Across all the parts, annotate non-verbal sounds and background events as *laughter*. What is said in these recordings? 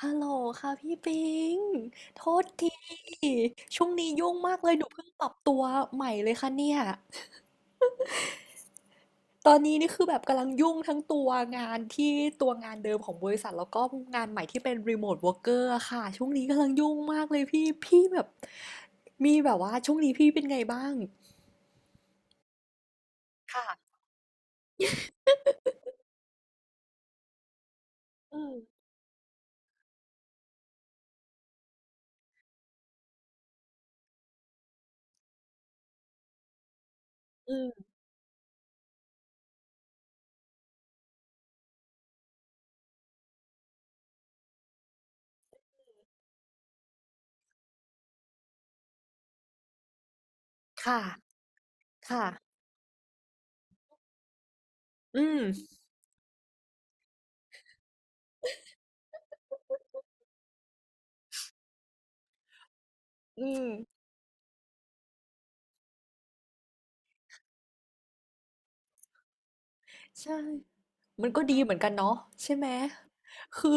ฮัลโหลค่ะพี่ปิง โทษทีช่วงนี้ยุ่งมากเลยหนูเพิ่งปรับตัวใหม่เลยค่ะเนี่ยตอนนี้นี่คือแบบกำลังยุ่งทั้งตัวงานที่ตัวงานเดิมของบริษัทแล้วก็งานใหม่ที่เป็นรีโมทว o ร์กเกอร์ค่ะ ช่วงนี้กำลังยุ่งมากเลยพี่แบบมีแบบว่าช่วงนี้พี่เป็นไงบ้าง ค่ะอืมอืม ค่ะ ค่ะอืมอืม ใช่ มันก็ดีเหมือนกันเนาะใช่ไหมคือ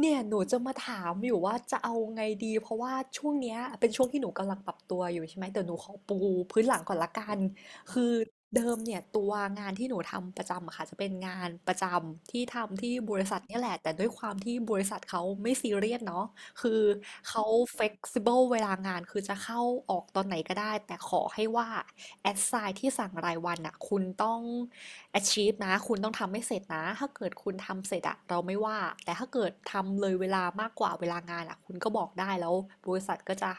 เนี่ยหนูจะมาถามอยู่ว่าจะเอาไงดีเพราะว่าช่วงเนี้ยเป็นช่วงที่หนูกำลังปรับตัวอยู่ใช่ไหมแต่หนูขอปูพื้นหลังก่อนละกันคือเดิมเนี่ยตัวงานที่หนูทำประจำอะค่ะจะเป็นงานประจำที่ทำที่บริษัทเนี่ยแหละแต่ด้วยความที่บริษัทเขาไม่ซีเรียสเนาะ คือเขา flexible เวลางานคือจะเข้าออกตอนไหนก็ได้แต่ขอให้ว่า assign ที่สั่งรายวันอ่ะคุณต้อง achieve นะคุณต้องทำให้เสร็จนะถ้าเกิดคุณทำเสร็จอ่ะเราไม่ว่าแต่ถ้าเกิดทำเลยเวลามากกว่าเวลางานอ่ะคุณก็บอกได้แล้วบริษัทก็จะ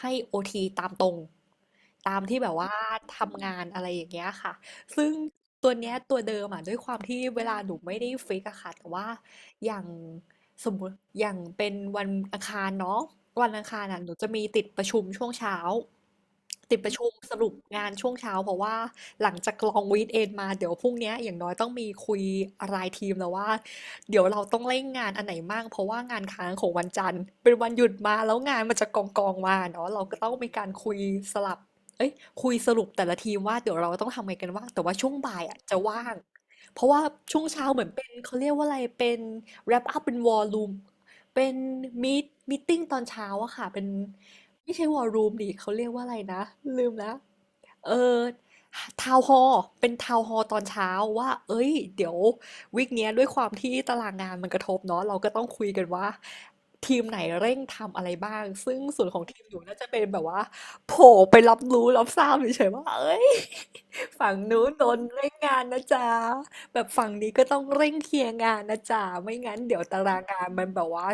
ให้ OT ตามตรงตามที่แบบว่าทำงานอะไรอย่างเงี้ยค่ะซึ่งตัวเนี้ยตัวเดิมอ่ะด้วยความที่เวลาหนูไม่ได้ฟิกอะค่ะแต่ว่าอย่าง สมมติอย่างเป็นวันอังคารเนาะวันอังคารอ่ะหนูจะมีติดประชุมช่วงเช้าติดประชุมสรุปงานช่วงเช้าเพราะว่าหลังจากลองวีคเอนมาเดี๋ยวพรุ่งเนี้ยอย่างน้อยต้องมีคุยรายทีมแล้วว่าเดี๋ยวเราต้องเร่งงานอันไหนมั่งเพราะว่างานค้างของวันจันทร์เป็นวันหยุดมาแล้วงานมันจะกองกองมาเนาะเราก็ต้องมีการคุยสลับเอ้ยคุยสรุปแต่ละทีมว่าเดี๋ยวเราต้องทำไงกันบ้างแต่ว่าช่วงบ่ายอ่ะจะว่าง เพราะว่าช่วงเช้าเหมือนเป็นเขาเรียกว่าอะไรเป็น wrap up เป็น war room เป็น meet meeting ตอนเช้าอะค่ะเป็นไม่ใช่ war room ดิเขาเรียกว่าอะไรนะลืมแล้ว เออทาวน์ฮอลล์เป็นทาวน์ฮอลล์ตอนเช้าว่าเอ้ยเดี๋ยววีคเนี้ยด้วยความที่ตารางงานมันกระทบเนาะเราก็ต้องคุยกันว่าทีมไหนเร่งทำอะไรบ้างซึ่งส่วนของทีมหนูน่าจะเป็นแบบว่าโผล่ไปรับรู้รับทราบเฉยๆว่าเอ้ย *laughs* ฝั่งนู้นโดนเร่งงานนะจ๊ะแบบฝั่งนี้ก็ต้องเร่งเคลียร์งานนะจ๊ะไม่งั้นเดี๋ยวตารางงานมันแบบว่า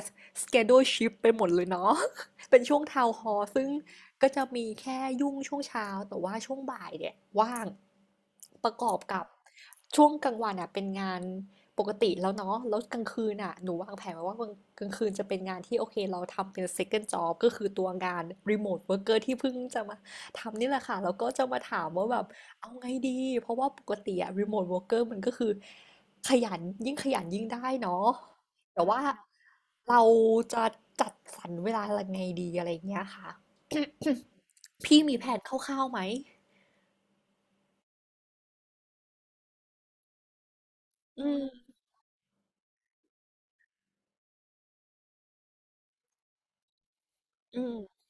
schedule shift ไปหมดเลยเนาะ *laughs* เป็นช่วงทาวน์ฮอลล์ซึ่ง ก็จะมีแค่ยุ่งช่วงเช้าแต่ว่าช่วงบ่ายเนี่ยว่างประกอบกับช่วงกลางวันอ่ะเป็นงานปกติแล้วเนาะแล้วกลางคืนอ่ะหนูวางแผนไว้ว่ากลางคืนจะเป็นงานที่โอเคเราทำเป็น second job ก็คือตัวงาน remote worker ที่เพิ่งจะมาทำนี่แหละค่ะแล้วก็จะมาถามว่าแบบเอาไงดีเพราะว่าปกติอะ remote worker มันก็คือขยันยิ่งขยันยิ่งได้เนาะแต่ว่าเราจะจัดสรรเวลายังไงดีอะไรอย่างเงี้ยค่ะ พี่มีแพลนคร่าวๆไหม อืมอืม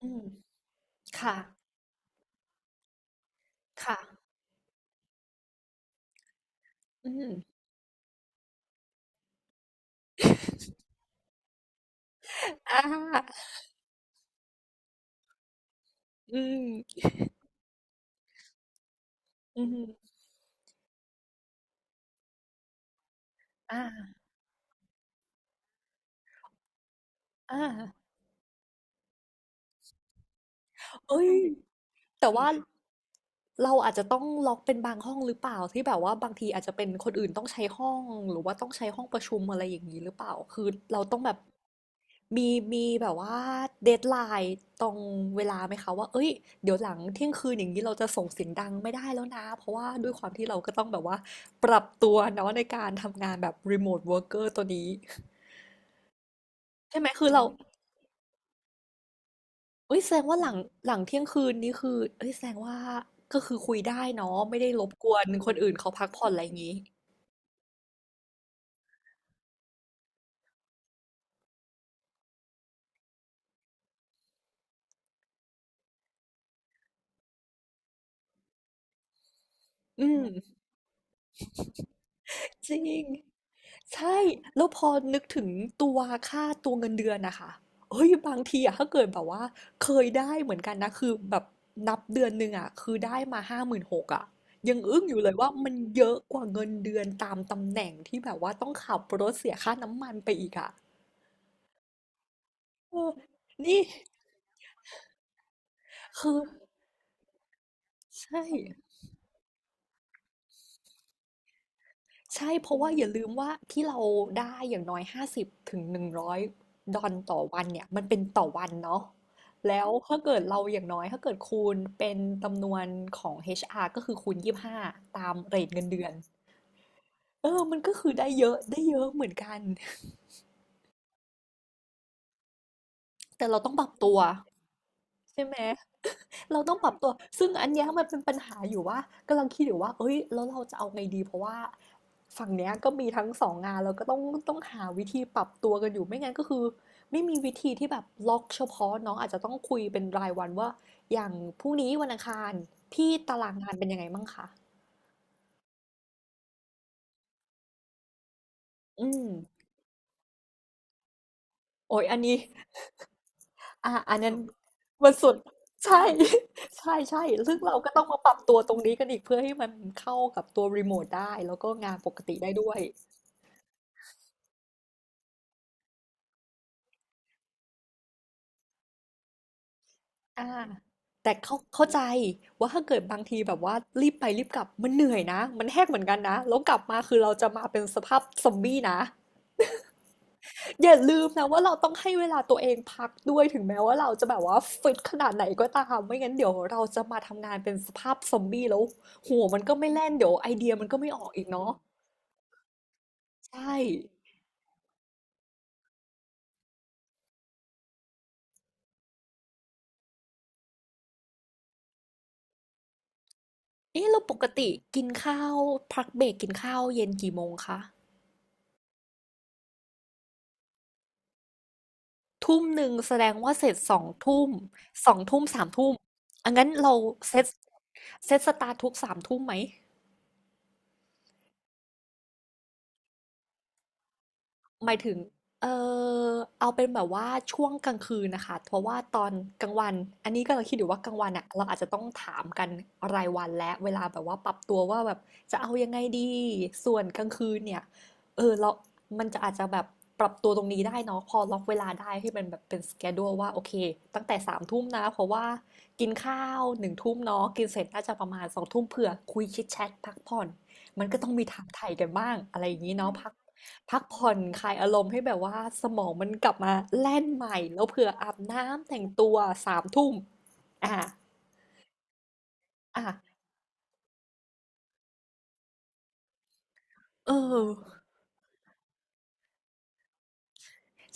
อืมค่ะ ค่ะ อืมอาอืมอืมอาอ่าเอ้ย แต่ว่าเราอาจจะต้องล็อกเป็นบางห้องหรือเปล่าที่แบบว่าบางทีอาจจะเป็นคนอื่นต้องใช้ห้องหรือว่าต้องใช้ห้องประชุมอะไรอย่างนี้หรือเปล่าคือเราต้องแบบมีมีแบบว่าเดดไลน์ตรงเวลาไหมคะว่าเอ้ยเดี๋ยวหลังเที่ยงคืนอย่างนี้เราจะส่งเสียงดังไม่ได้แล้วนะเพราะว่าด้วยความที่เราก็ต้องแบบว่าปรับตัวเนาะในการทำงานแบบรีโมทเวิร์กเกอร์ตัวนี้ใช่ไหมคือเรา เอ้ยแสดงว่าหลังเที่ยงคืนนี่คือเอ้ยแสดงว่าก็คือคุยได้เนาะไม่ได้รบกวนคนอื่นเขาพักผ่อนอะไรอย่างงี้อืมจริงใช่แล้วพอนึกถึงตัวค่าตัวเงินเดือนนะคะเฮ้ยบางทีอะถ้าเกิดแบบว่าเคยได้เหมือนกันนะคือแบบนับเดือนหนึ่งอะคือได้มา56,000อะยังอึ้งอยู่เลยว่ามันเยอะกว่าเงินเดือนตามตำแหน่งที่แบบว่าต้องขับรถเสียค่าน้ำมันไปอีกอะเออนี่คือใช่ ใช่เพราะว่าอย่าลืมว่าที่เราได้อย่างน้อยห้าสิบถึงหนึ่งร้อยดอลต่อวันเนี่ยมันเป็นต่อวันเนาะแล้วถ้าเกิดเราอย่างน้อยถ้าเกิดคูณเป็นจำนวนของ HR ก็คือคูณยี่สิบห้าตามเรทเงินเดือนเออมันก็คือได้เยอะได้เยอะเหมือนกันแต่เราต้องปรับตัว ใช่ไหม *laughs* เราต้องปรับตัวซึ่งอันเนี้ยมันเป็นปัญหาอยู่ว่ากำลังคิดอยู่ว่าเอ้ยแล้วเราจะเอาไงดีเพราะว่าฝั่งเนี้ยก็มีทั้งสองงานแล้วก็ต้องหาวิธีปรับตัวกันอยู่ไม่งั้นก็คือไม่มีวิธีที่แบบล็อกเฉพาะเน้องอาจจะต้องคุยเป็นรายวันว่าอย่างพรุ่งนี้วันอังคารพี่ตารางงานเป็นยังไงบ้างคะอืมโอ้ยอันนี้ อ่ะอันนั้นมันสุดใช่ *laughs* ใช่ใช่ซึ่งเราก็ต้องมาปรับตัวตรงนี้กันอีกเพื่อให้มันเข้ากับตัวรีโมทได้แล้วก็งานปกติได้ด้วยอ่าแต่เข้าใจว่าถ้าเกิดบางทีแบบว่ารีบไปรีบกลับมันเหนื่อยนะมันแหกเหมือนกันนะ แล้วกลับมาคือเราจะมาเป็นสภาพซอมบี้นะอย่าลืมนะว่าเราต้องให้เวลาตัวเองพักด้วยถึงแม้ว่าเราจะแบบว่าฟิตขนาดไหนก็ตามไม่งั้นเดี๋ยวเราจะมาทำงานเป็นสภาพซอมบี้แล้วหัวมันก็ไม่แล่นเดี๋ยวไอเดียมันก็ไม่ออกอีกเนาะ ใช่เอ๊ะเราปกติกินข้าวพักเบรกกินข้าวเย็นกี่โมงคะทุ่มหนึ่งแสดงว่าเสร็จสองทุ่มสองทุ่มสามทุ่มอันงั้นเราเซตเซตสตาร์ททุกสามทุ่มไหม หมายถึงเอ่อเอาเป็นแบบว่าช่วงกลางคืนนะคะเพราะว่าตอนกลางวันอันนี้ก็เราคิดอยู่ว่ากลางวันอ่ะเราอาจจะต้องถามกันรายวันและเวลาแบบว่าปรับตัวว่าแบบจะเอายังไงดีส่วนกลางคืนเนี่ยเออเรามันจะอาจจะแบบปรับตัวตรงนี้ได้เนาะพอล็อกเวลาได้ให้มันแบบเป็นสเ h e ู u ว่าโอเคตั้งแต่สามทุ่มนะเพราะว่ากินข้าวหนึ่งทุ่มเนาะกินเสร็จน่าจะประมาณสองทุ่มเผื่อคุยชิดแชทพักผ่อนมันก็ต้องมีถามไถ่กันบ้างอะไรอย่างนี้เนาะพัก พักผ่อนคลายอารมณ์ให้แบบว่าสมองมันกลับมาแล่นใหม่แล้วเผื่ออาบน้ำแต่งตัวสามทุ่มอ่ะอ่ะเออ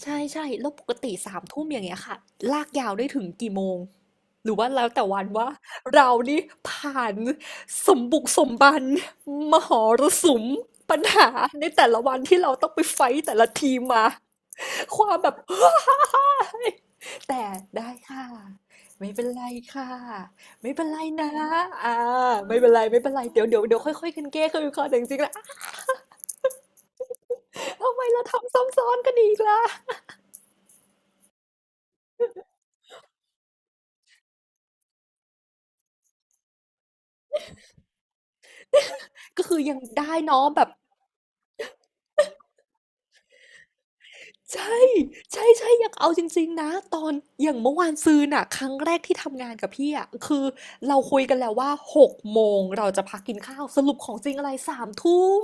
ใช่ๆแล้วปกติ3ทุ่มอย่างเงี้ยค่ะลากยาวได้ถึงกี่โมง หรือว่าแล้วแต่วันว่าเรานี่ผ่านสมบุกสมบันมหรสุมปัญหาในแต่ละวันที่เราต้องไปไฟต์แต่ละทีมมาความแบบ *laughs* แต่ได้ค่ะไม่เป็นไรค่ะไม่เป็นไรนะอาไม่เป็นไรๆเป็นไรเดี๋ยวเดี๋ยวเดี๋ยวค่อยๆกันแก้คือคแต่จริงๆแล้วอ้าวทำไมเราทำซ้ำซ้อนกันอีกล่ะก็คือยังได้เนาะแบบ ใช่ใช่ๆอยากเอาจริงๆนะ ตอนอย่างเมื่อวานซืนน่ะครั้งแรกที่ทำงานกับพี่อะคือ เราคุยกันแล้วว่า6โมงเราจะพักกินข้าว สรุปของจริงอะไร3ทุ่ม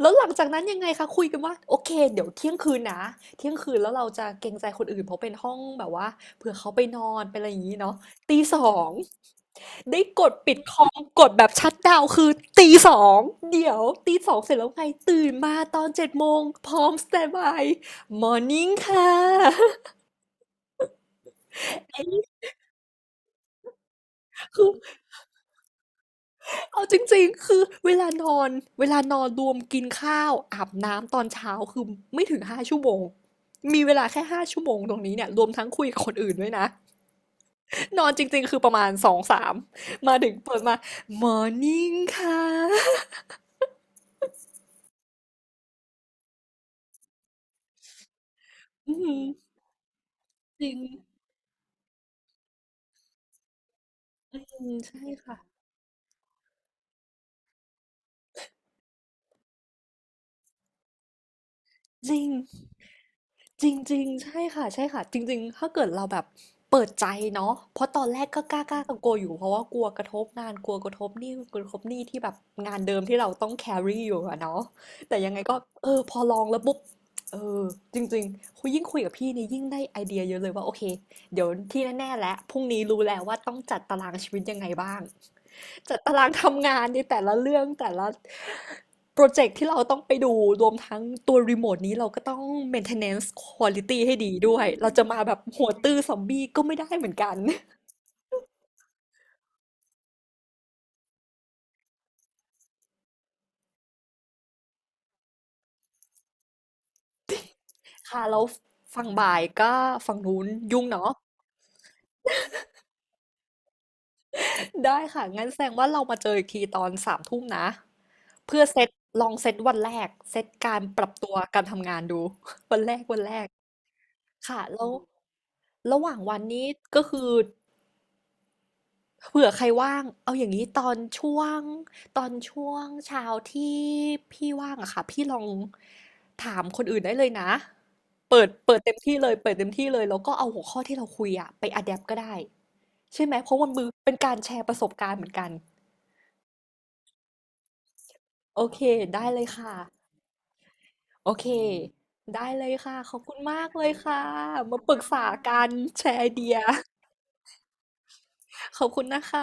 แล้วหลังจากนั้นยังไงคะคุยกันว่า โอเคเดี๋ยวเที่ยงคืนนะ เที่ยงคืนแล้วเราจะเกรงใจคนอื่นเพราะเป็นห้องแบบว่าเผื่อเขาไปนอนเป็นอะไรอย่างงี้เนาะตี2 ได้กดปิดคอมกดแบบชัตดาวน์คือตีสองเดี๋ยวตีสองเสร็จแล้วไงตื่นมาตอนเจ็ดโมงพร้อมสแตนด์บายมอร์นิ่งค่ะ *laughs* คือเอาจริงๆคือเวลานอนเวลานอนรวมกินข้าวอาบน้ำตอนเช้าคือไม่ถึงห้าชั่วโมงมีเวลาแค่ห้าชั่วโมงตรงนี้เนี่ยรวมทั้งคุยกับคนอื่นด้วยนะนอนจริงๆคือประมาณสองสามมาถึงเปิดมามอร์นิ่งค่ะอืมจริงอืมใช่ค่ะ จริงจริงจริงใช่ค่ะใช่ค่ะจริงๆถ้าเกิดเราแบบเปิดใจเนาะเพราะตอนแรกก็กล้ากลากลัวๆอยู่เพราะว่ากลัวกระทบงานกลัวกระทบหนี่ที่แบบงานเดิมที่เราต้อง c a รี่อยู่อะเนาะแต่ยังไงก็เออพอลองแล้วปุ๊บเออจริงๆคุยยิ่งคุยกับพี่นี่ยิ่งได้ไอเดียเยอะเลยว่าโอเคเดี๋ยวที่แน่ๆแล้วพรุ่งนี้รู้แล้วว่าต้องจัดตารางชีวิตยังไงบ้าง จัดตารางทำงานในแต่ละเรื่องแต่ละโปรเจกต์ที่เราต้องไปดูรวมทั้งตัวรีโมทนี้เราก็ต้อง maintenance quality ให้ดีด้วยเราจะมาแบบหัวตื้อซอมบี้ก็ไม่ได้เหมือนกันค่ะแล้วฝั่งบ่ายก็ฝั่งนู้นยุ่งเนาะได้ค่ะงั้นแสดงว่าเรามาเจออีกทีตอนสามทุ่มนะเพื่อเซตลองเซตวันแรกเซตการปรับตัวการทำงานดู *laughs* วันแรกวันแรกค่ะแล้วระหว่างวันนี้ก็คือ เผื่อใครว่างเอาอย่างนี้ตอนช่วงเช้าที่พี่ว่างอะค่ะพี่ลองถามคนอื่นได้เลยนะเปิดเต็มที่เลยเปิดเต็มที่เลยแล้วก็เอาหัวข้อที่เราคุยอะไปอะแดปก็ได้ใช่ไหมเพราะมันมือเป็นการแชร์ประสบการณ์เหมือนกันโอเคได้เลยค่ะโอเคได้เลยค่ะขอบคุณมากเลยค่ะมาปรึกษากันแชร์ไอเดียขอบคุณนะคะ